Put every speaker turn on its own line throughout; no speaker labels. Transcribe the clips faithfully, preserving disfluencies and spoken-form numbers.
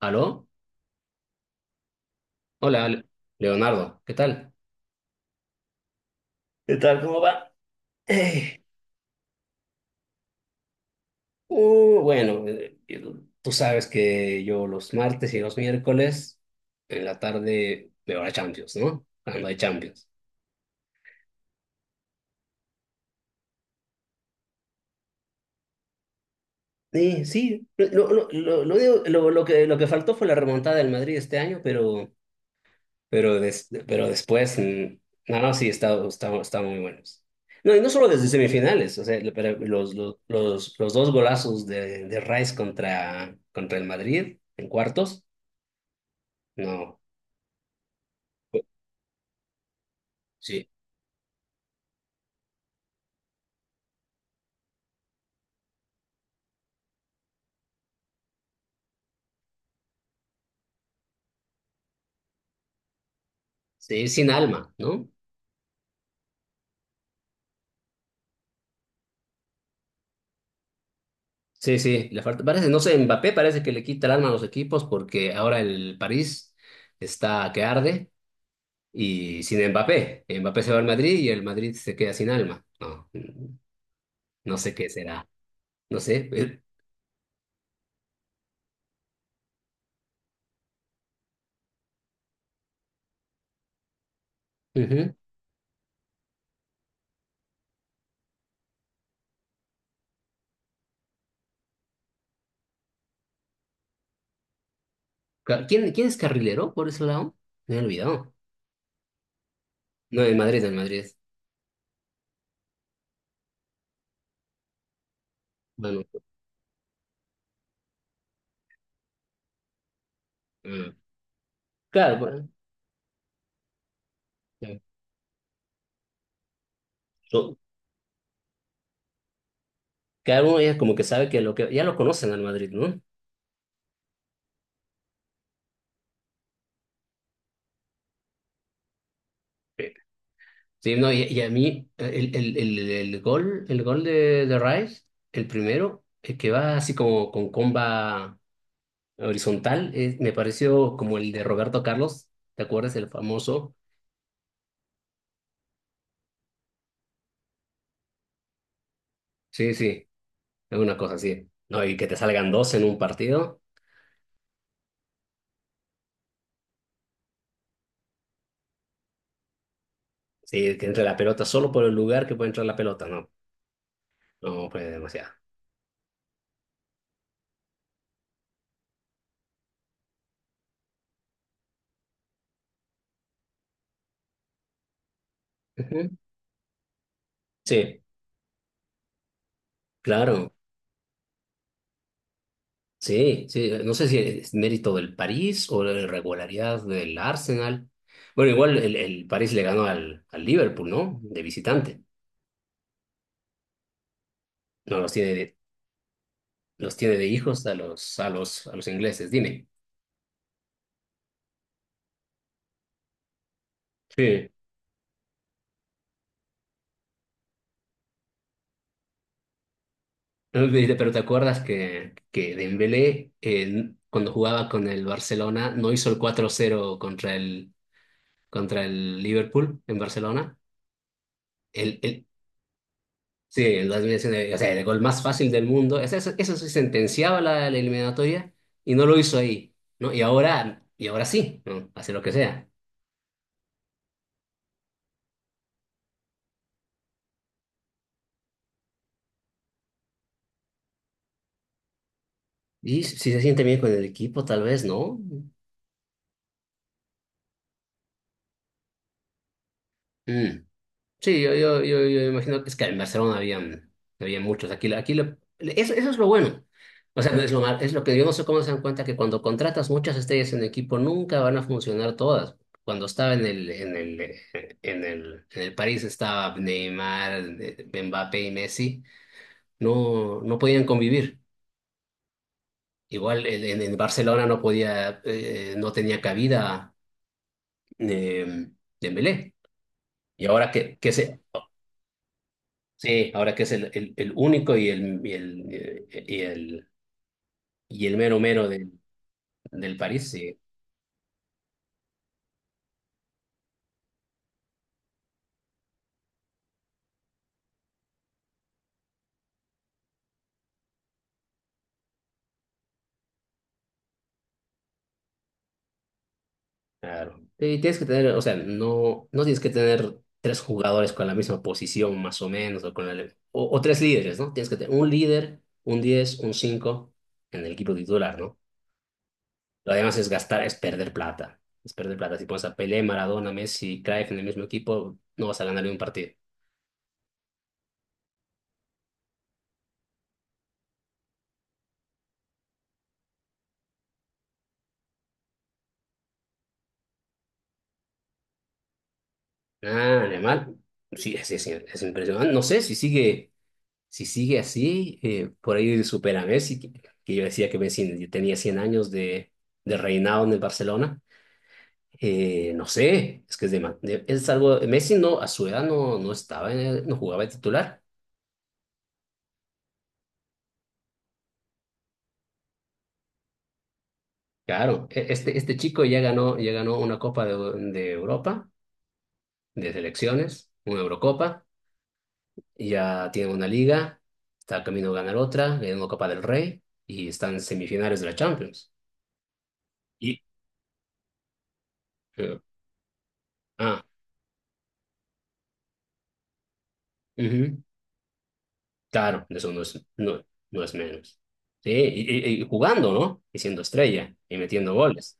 ¿Aló? Hola, Le- Leonardo, ¿qué tal? ¿Qué tal? ¿Cómo va? Eh, uh, bueno, eh, tú sabes que yo los martes y los miércoles en la tarde veo la Champions, ¿no? Cuando hay Champions. Sí, sí. Lo, lo, lo, lo digo- lo- lo que, Lo que faltó fue la remontada del Madrid este año. Pero Pero, des- pero después, mm, no, no, sí, está, está, está muy buenos. No, y no solo desde semifinales, o sea, lo- pero los, los, los, los dos golazos de, de Rice contra, contra el Madrid en cuartos, no, pues, sí, sí, sin alma, ¿no? Sí, sí, le falta, parece, no sé, Mbappé parece que le quita el alma a los equipos porque ahora el París está que arde y sin Mbappé. Mbappé se va al Madrid y el Madrid se queda sin alma, no, no sé qué será, no sé. Eh, ujú. Ca- ¿Quién, quién es carrilero por ese lado? Me he olvidado. No, en Madrid, en Madrid. Bueno, mm. Claro, bueno. Ya. So, cada uno ya como que sabe que lo que ya lo conocen al Madrid, ¿no? Sí, sí, no, y, y a mí eh, el, el, el, el gol, el gol de, de Rice, el primero, el que va así como con comba horizontal, eh, me pareció como el de Roberto Carlos. ¿Te acuerdas? El famoso. Sí, sí, es una cosa así. No, y que te salgan dos en un partido. Sí, que entre la pelota solo por el lugar que puede entrar la pelota, no no fue demasiado. Ujú. Sí, claro, sí, sí. No sé si es mérito del París o la irregularidad del Arsenal. Bueno, igual el, el París le ganó al, al Liverpool, ¿no? De visitante. No los tiene de, Los tiene de hijos a los, a los, a los ingleses, dime. Sí. No, dice, pero ¿te acuerdas que, que Dembélé, eh, cuando jugaba con el Barcelona, no hizo el cuatro cero contra el, contra el Liverpool en Barcelona? El, el, sí, el dos mil diecinueve, o sea, el gol más fácil del mundo. Eso, eso, eso sí sentenciaba la, la eliminatoria y no lo hizo ahí, ¿no? Y ahora, y ahora sí, ¿no? Hace lo que sea. Y si se siente bien con el equipo, tal vez, ¿no? Mm. Sí, yo, yo, yo, yo imagino que es que en Barcelona habían, había muchos. Aquí, la- aquí la- eso, eso es lo bueno. O sea, no es lo mal- es lo que yo no sé cómo se dan cuenta que cuando contratas muchas estrellas en equipo nunca van a funcionar todas. Cuando estaba en el, en el, eh, en el, en el París estaba Neymar, eh, Mbappé y Messi, no no podían convivir. Igual en, en- en Barcelona no podía, eh, no tenía cabida, eh, Dembélé. Y ahora que, que se, sí, ahora que es el, el- el único y el, y el, eh, y el, y el mero mero del, del París, sí, claro. Y tienes que tener, o sea, no, no tienes que tener tres jugadores con la misma posición, más o menos, o, con el- o, o tres líderes, ¿no? Tienes que tener un líder, un diez, un cinco en el equipo titular, ¿no? Lo demás es gastar, es perder plata. Es perder plata. Si pones a Pelé, Maradona, Messi, Cruyff en el mismo equipo, no vas a ganar ni un partido. Ah, animal. Sí, es, es, es impresionante. No sé si sigue. Si sigue así, eh, por ahí supera a Messi, que, que yo decía que Messi tenía cien años de, de reinado en el Barcelona. Eh, no sé, es que es, de, ma- de- es algo. Messi no, a su edad no, no estaba, en el- no jugaba de titular. Claro, e- este, este chico ya ganó, ya ganó una Copa de, de Europa, de selecciones, una Eurocopa, ya tiene una liga, está camino a ganar otra, ganó una Copa del Rey y está en semifinales de la Champions. Y Eh, ah, Ujú. Claro, de eso no es, no, no es menos. Sí, y, y- y jugando, ¿no? Y siendo estrella y metiendo goles.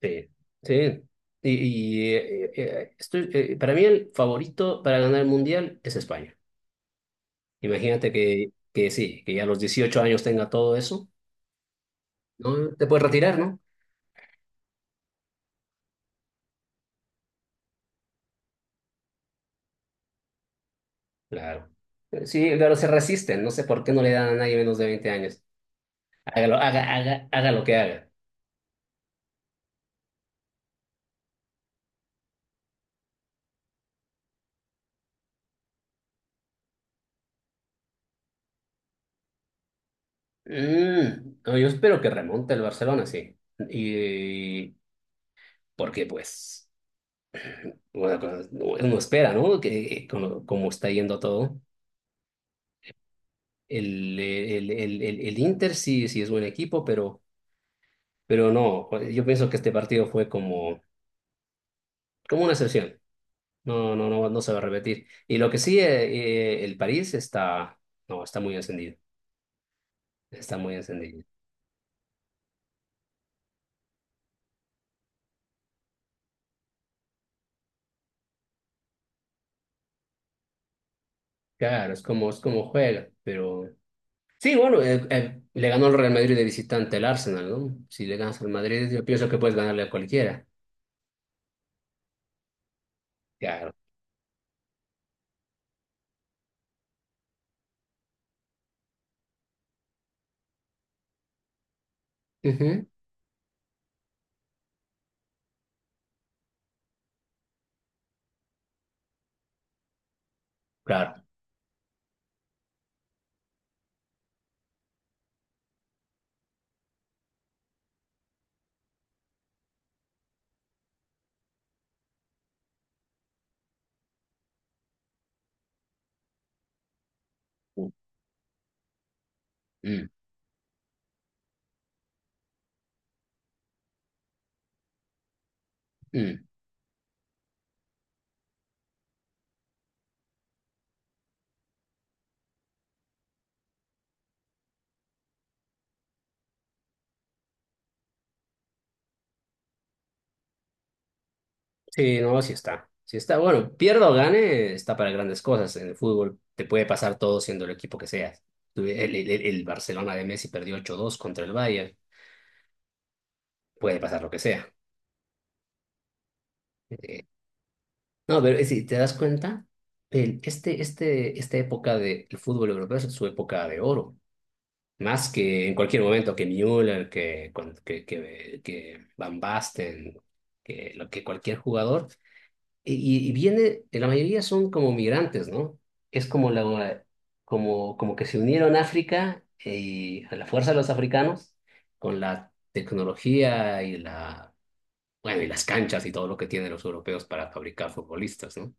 Sí, sí. Y, y, eh, eh, eh, estoy- eh, para mí el favorito para ganar el Mundial es España. Imagínate que, que sí, que ya a los dieciocho años tenga todo eso, ¿no? Te puedes retirar, ¿no? Claro. Sí, pero se resisten, no sé por qué no le dan a nadie menos de veinte años. Hágalo, haga, haga, haga lo que haga. Mm, no, yo espero que remonte el Barcelona, sí. Y porque pues bueno, pues, uno espera, ¿no? Que como, como está yendo todo, el, el, el, el, el Inter sí, sí es buen equipo, pero, pero no, pues, yo pienso que este partido fue como como una excepción. No, no, no, no se va a repetir. Y lo que sí, eh, eh, el París está, no, está muy encendido, está muy encendido. Claro, es como, es como juega, pero. Sí, bueno, eh, eh, le ganó el Real Madrid de visitante al Arsenal, ¿no? Si le ganas al Madrid, yo pienso que puedes ganarle a cualquiera. Claro. Ujú, claro. Mm, mm. Sí, no, sí está. Sí está. Bueno, pierda o gane, está para grandes cosas en el fútbol. Te puede pasar todo siendo el equipo que seas. Tuve- El, el, el- el Barcelona de Messi perdió ocho dos contra el Bayern. Puede pasar lo que sea. Eh, no, pero eh, si te das cuenta, el, este, este, esta época del fútbol europeo es su época de oro. Más que en cualquier momento que Müller, que, con- que, que, que Van Basten, que, lo, que cualquier jugador. Y, y viene, la mayoría son como migrantes, ¿no? Es como, la, como, como que se unieron África y a la fuerza de los africanos con la tecnología y la, bueno, y las canchas y todo lo que tienen los europeos para fabricar futbolistas, ¿no?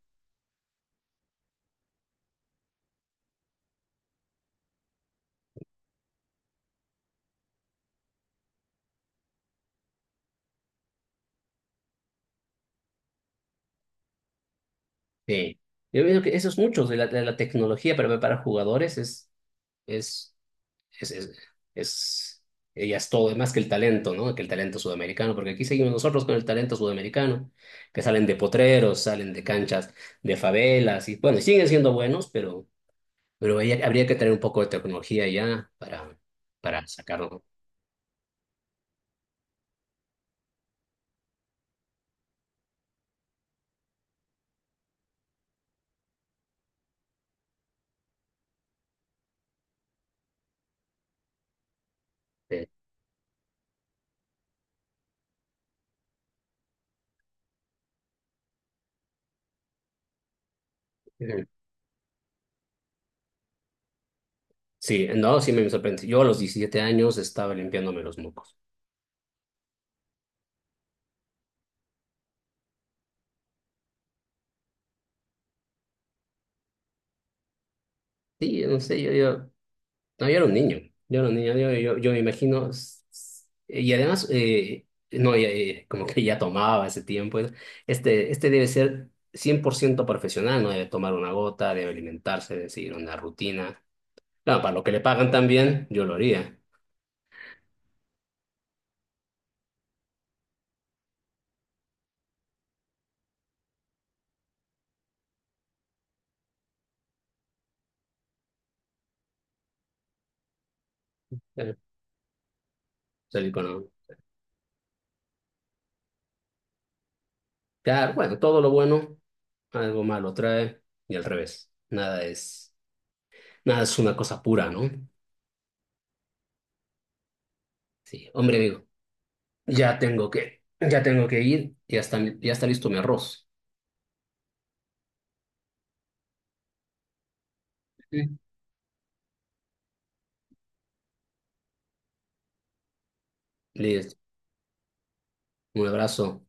Sí. Yo veo que esos muchos de la, de la tecnología para preparar jugadores es, es es, es, es- ella es todo más que el talento, ¿no? Que el talento sudamericano, porque aquí seguimos nosotros con el talento sudamericano, que salen de potreros, salen de canchas, de favelas, y bueno, y siguen siendo buenos, pero, pero ahí habría que tener un poco de tecnología ya para, para sacarlo. de- Sí, no, sí me sorprende. Yo a los diecisiete años estaba limpiándome los mocos. Sí, yo no sé, yo, yo no, yo era un niño, yo era un niño, yo, yo, yo me imagino, s- s- y además, eh, no, ya, eh, como que ya tomaba ese tiempo, eh, este, este debe ser cien por ciento profesional, no debe tomar una gota, debe alimentarse, debe seguir una rutina. Claro, para lo que le pagan también, yo lo haría, eh, salir con algo. Claro, bueno, todo lo bueno, algo malo trae, y al revés, nada es, nada es una cosa pura, ¿no? Sí, hombre, amigo, ya tengo que, ya tengo que ir, ya está, ya está listo mi arroz. Listo. Un abrazo.